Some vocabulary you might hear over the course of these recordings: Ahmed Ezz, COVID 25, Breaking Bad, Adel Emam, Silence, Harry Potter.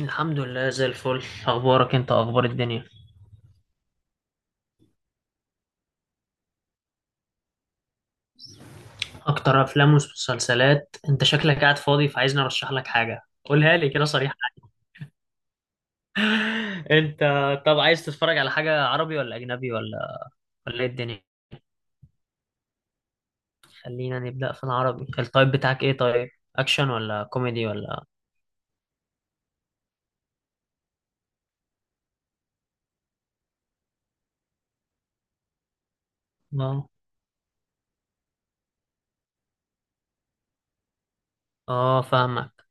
الحمد لله زي الفل. اخبارك انت؟ اخبار الدنيا؟ اكتر افلام ومسلسلات؟ انت شكلك قاعد فاضي فعايزني ارشح لك حاجه، قولها لي كده صريحه. انت. طب عايز تتفرج على حاجه عربي ولا اجنبي ولا ايه الدنيا؟ خلينا نبدا في العربي. التايب بتاعك ايه طيب؟ اكشن ولا كوميدي ولا؟ اه، اه، فاهمك.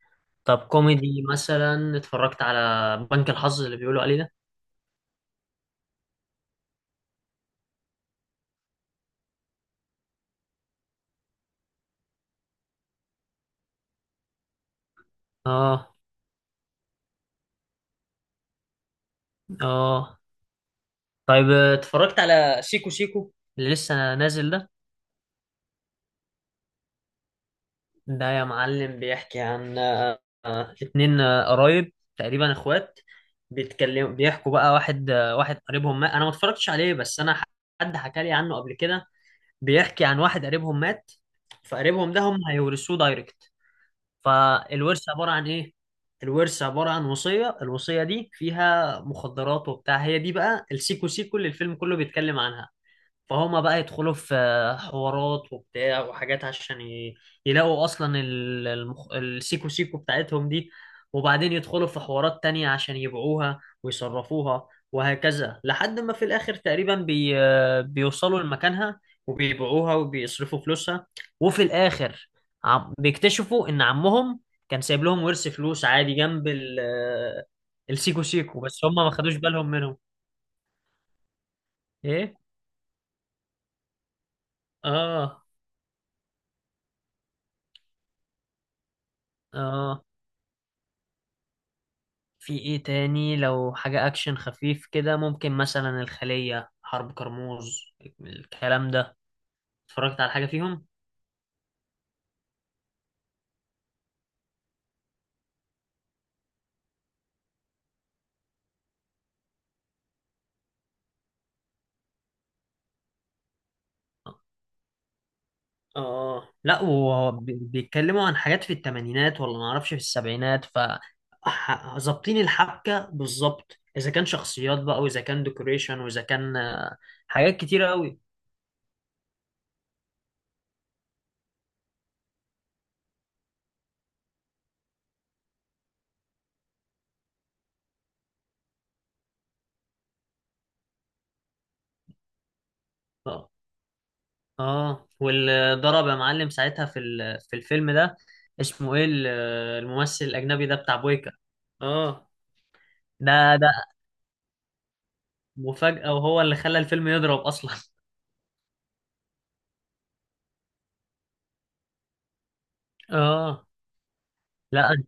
طب كوميدي مثلا، اتفرجت على بنك الحظ اللي بيقولوا عليه ده؟ اه، اه. طيب اتفرجت على سيكو سيكو اللي لسه نازل ده؟ ده يا معلم بيحكي عن اتنين قرايب تقريبا، اخوات. بيتكلموا بيحكوا بقى. واحد قريبهم مات. انا ما اتفرجتش عليه، بس انا حد حكى لي عنه قبل كده. بيحكي عن واحد قريبهم مات. فقريبهم ده هم هيورثوه دايركت. فالورث عبارة عن ايه؟ الورث عبارة عن وصية. الوصية دي فيها مخدرات وبتاع، هي دي بقى السيكو سيكو اللي الفيلم كله بيتكلم عنها. فهم بقى يدخلوا في حوارات وبتاع وحاجات عشان يلاقوا اصلا السيكو سيكو بتاعتهم دي. وبعدين يدخلوا في حوارات تانية عشان يبيعوها ويصرفوها، وهكذا لحد ما في الاخر تقريبا بيوصلوا لمكانها. وبيبيعوها وبيصرفوا فلوسها. وفي الاخر، بيكتشفوا ان عمهم كان سايب لهم ورث فلوس عادي جنب السيكو سيكو، بس هم ما خدوش بالهم منهم. ايه. اه، اه، في ايه تاني؟ لو حاجة اكشن خفيف كده، ممكن مثلا الخلية، حرب كرموز، الكلام ده. اتفرجت على حاجة فيهم؟ اه. لا، وهو بيتكلموا عن حاجات في الثمانينات ولا ما اعرفش في السبعينات. ف ظابطين الحبكة بالظبط، اذا كان شخصيات بقى، واذا كان ديكوريشن، واذا كان حاجات كتيرة قوي. اه، اه، واللي ضرب يا معلم ساعتها في في الفيلم ده، اسمه ايه الممثل الاجنبي ده بتاع بويكا؟ اه. ده مفاجأة، وهو اللي خلى الفيلم يضرب أصلا. اه. لا،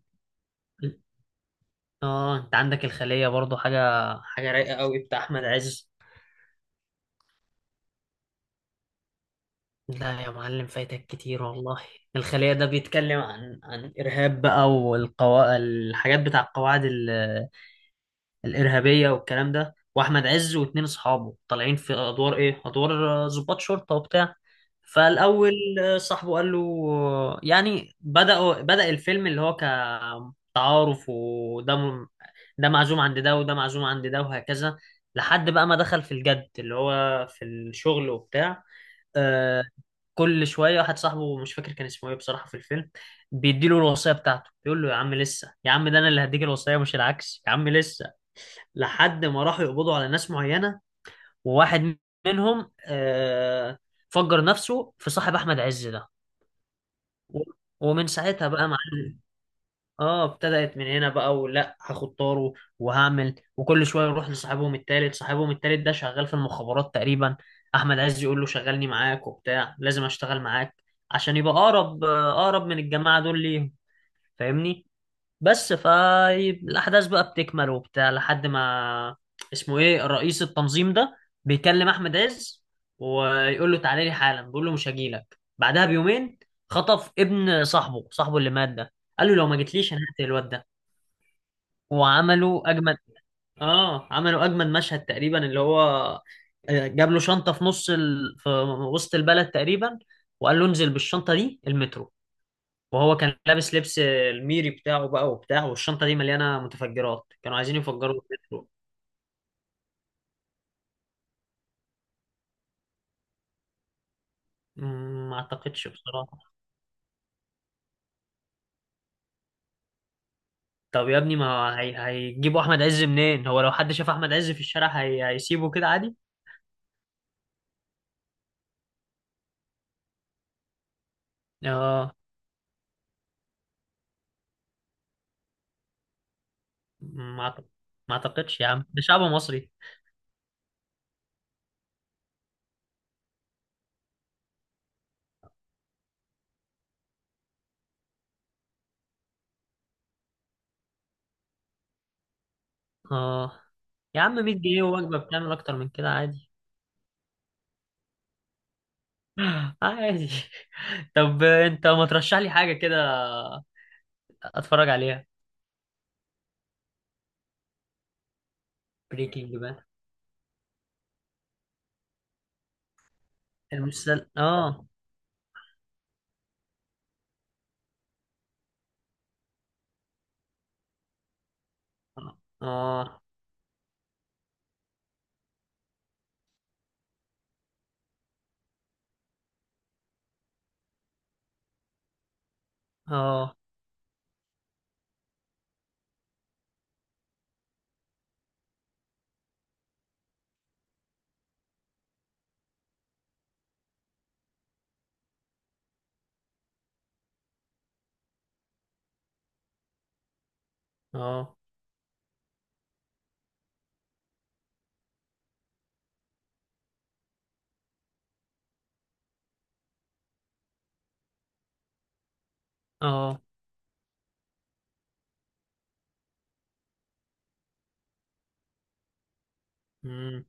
اه، انت عندك الخلية برضو. حاجة حاجة رايقة قوي بتاع أحمد عز. لا يا معلم، فايتك كتير والله. الخلية ده بيتكلم عن إرهاب بقى، والقوا الحاجات بتاع القواعد الارهابيه والكلام ده. واحمد عز واتنين اصحابه طالعين في ادوار ايه؟ ادوار ضباط شرطه وبتاع. فالاول، صاحبه قال له يعني بدأ الفيلم اللي هو كتعارف، ده معزوم عند ده وده معزوم عند ده، وهكذا لحد بقى ما دخل في الجد اللي هو في الشغل وبتاع. آه، كل شويه واحد صاحبه، مش فاكر كان اسمه ايه بصراحه في الفيلم، بيديله الوصيه بتاعته، بيقول له يا عم لسه، يا عم ده انا اللي هديك الوصيه مش العكس، يا عم لسه. لحد ما راحوا يقبضوا على ناس معينة، وواحد منهم فجر نفسه في صاحب أحمد عز ده. و- ومن ساعتها بقى مع... اه. ابتدأت من هنا بقى ولا هاخد طاره وهعمل. وكل شوية يروح لصاحبهم التالت، صاحبهم التالت ده شغال في المخابرات تقريبا. أحمد عز يقول له شغلني معاك وبتاع، لازم أشتغل معاك عشان يبقى أقرب من الجماعة دول ليهم. فاهمني. بس فالأحداث بقى بتكمل وبتاع لحد ما اسمه إيه رئيس التنظيم ده بيكلم أحمد عز، ويقول له تعالى لي حالا، بيقول له مش هجيلك بعدها بيومين. خطف ابن صاحبه، صاحبه اللي مات ده، قال له لو ما جيتليش أنا هقتل الواد ده. وعملوا أجمد آه عملوا أجمد مشهد تقريبا اللي هو جاب له شنطة في نص في وسط البلد تقريبا، وقال له انزل بالشنطة دي المترو. وهو كان لابس لبس الميري بتاعه بقى وبتاع، والشنطة دي مليانة متفجرات، كانوا عايزين يفجروا المترو. ما اعتقدش بصراحة. طب يا ابني، ما هيجيبوا احمد عز منين؟ هو لو حد شاف احمد عز في الشارع هيسيبه كده عادي؟ اه. ما أعتقد... ما اعتقدش يا عم، ده شعب مصري. اه، يا عم، 100 جنيه ووجبة بتعمل اكتر من كده عادي. عادي. طب انت ما ترشح لي حاجة كده، اتفرج عليها؟ بريكنج بقى، المسلسل. اه. اه. اه. اه. اه. امم.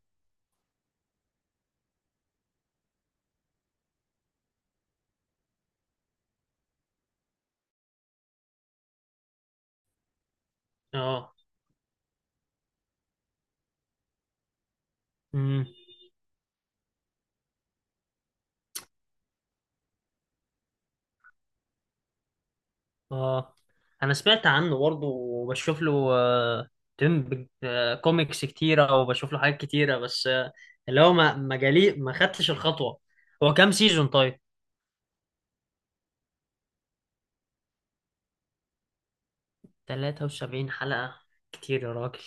اه. امم. اه، انا سمعت عنه برضه، وبشوف له تم كوميكس كتيره، وبشوف له حاجات كتيره، بس اللي هو ما جالي، ما خدتش الخطوه. هو كام سيزون طيب؟ 73 حلقه؟ كتير يا راجل.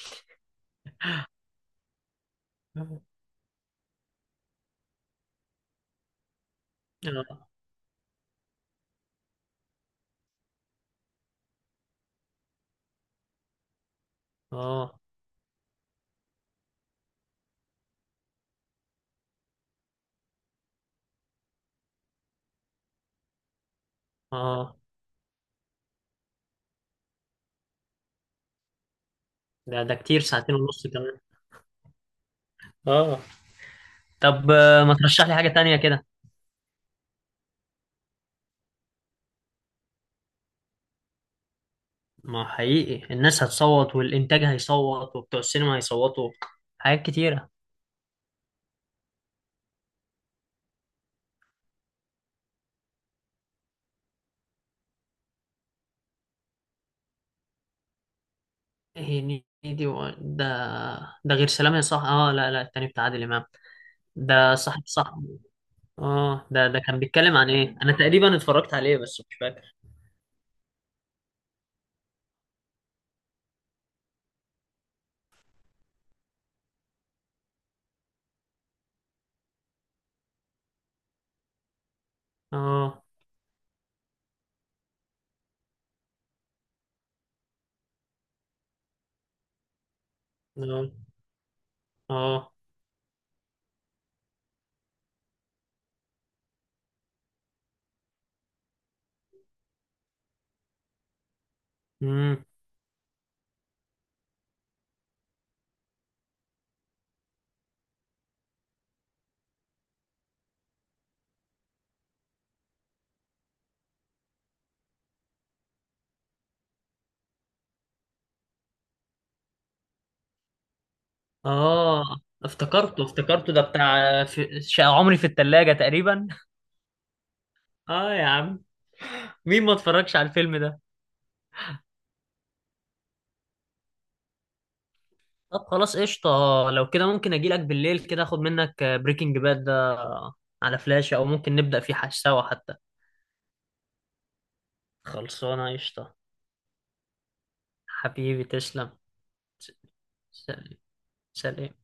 اه. اه. اه، ده كتير، ساعتين ونص كمان؟ اه. طب ما ترشح لي حاجه تانية كده؟ ما حقيقي، الناس هتصوت والانتاج هيصوت وبتوع السينما هيصوتوا، حاجات كتيره. هي ده؟ ده غير سلام يا صح. اه، لا، لا، التاني بتاع عادل امام؟ ده صاحب صاحب. اه، ده كان بيتكلم عن ايه؟ انا تقريبا اتفرجت عليه بس مش فاكر. اه. اه. اه. امم. اه، افتكرته افتكرته، ده بتاع شقة عمري في التلاجة تقريبا. اه يا عم، مين ما اتفرجش على الفيلم ده؟ طب خلاص قشطة. لو كده ممكن اجي لك بالليل كده، اخد منك بريكنج باد ده على فلاشة، او ممكن نبدأ فيه سوا حتى. خلصانة قشطة. حبيبي تسلم. س- س- سلام.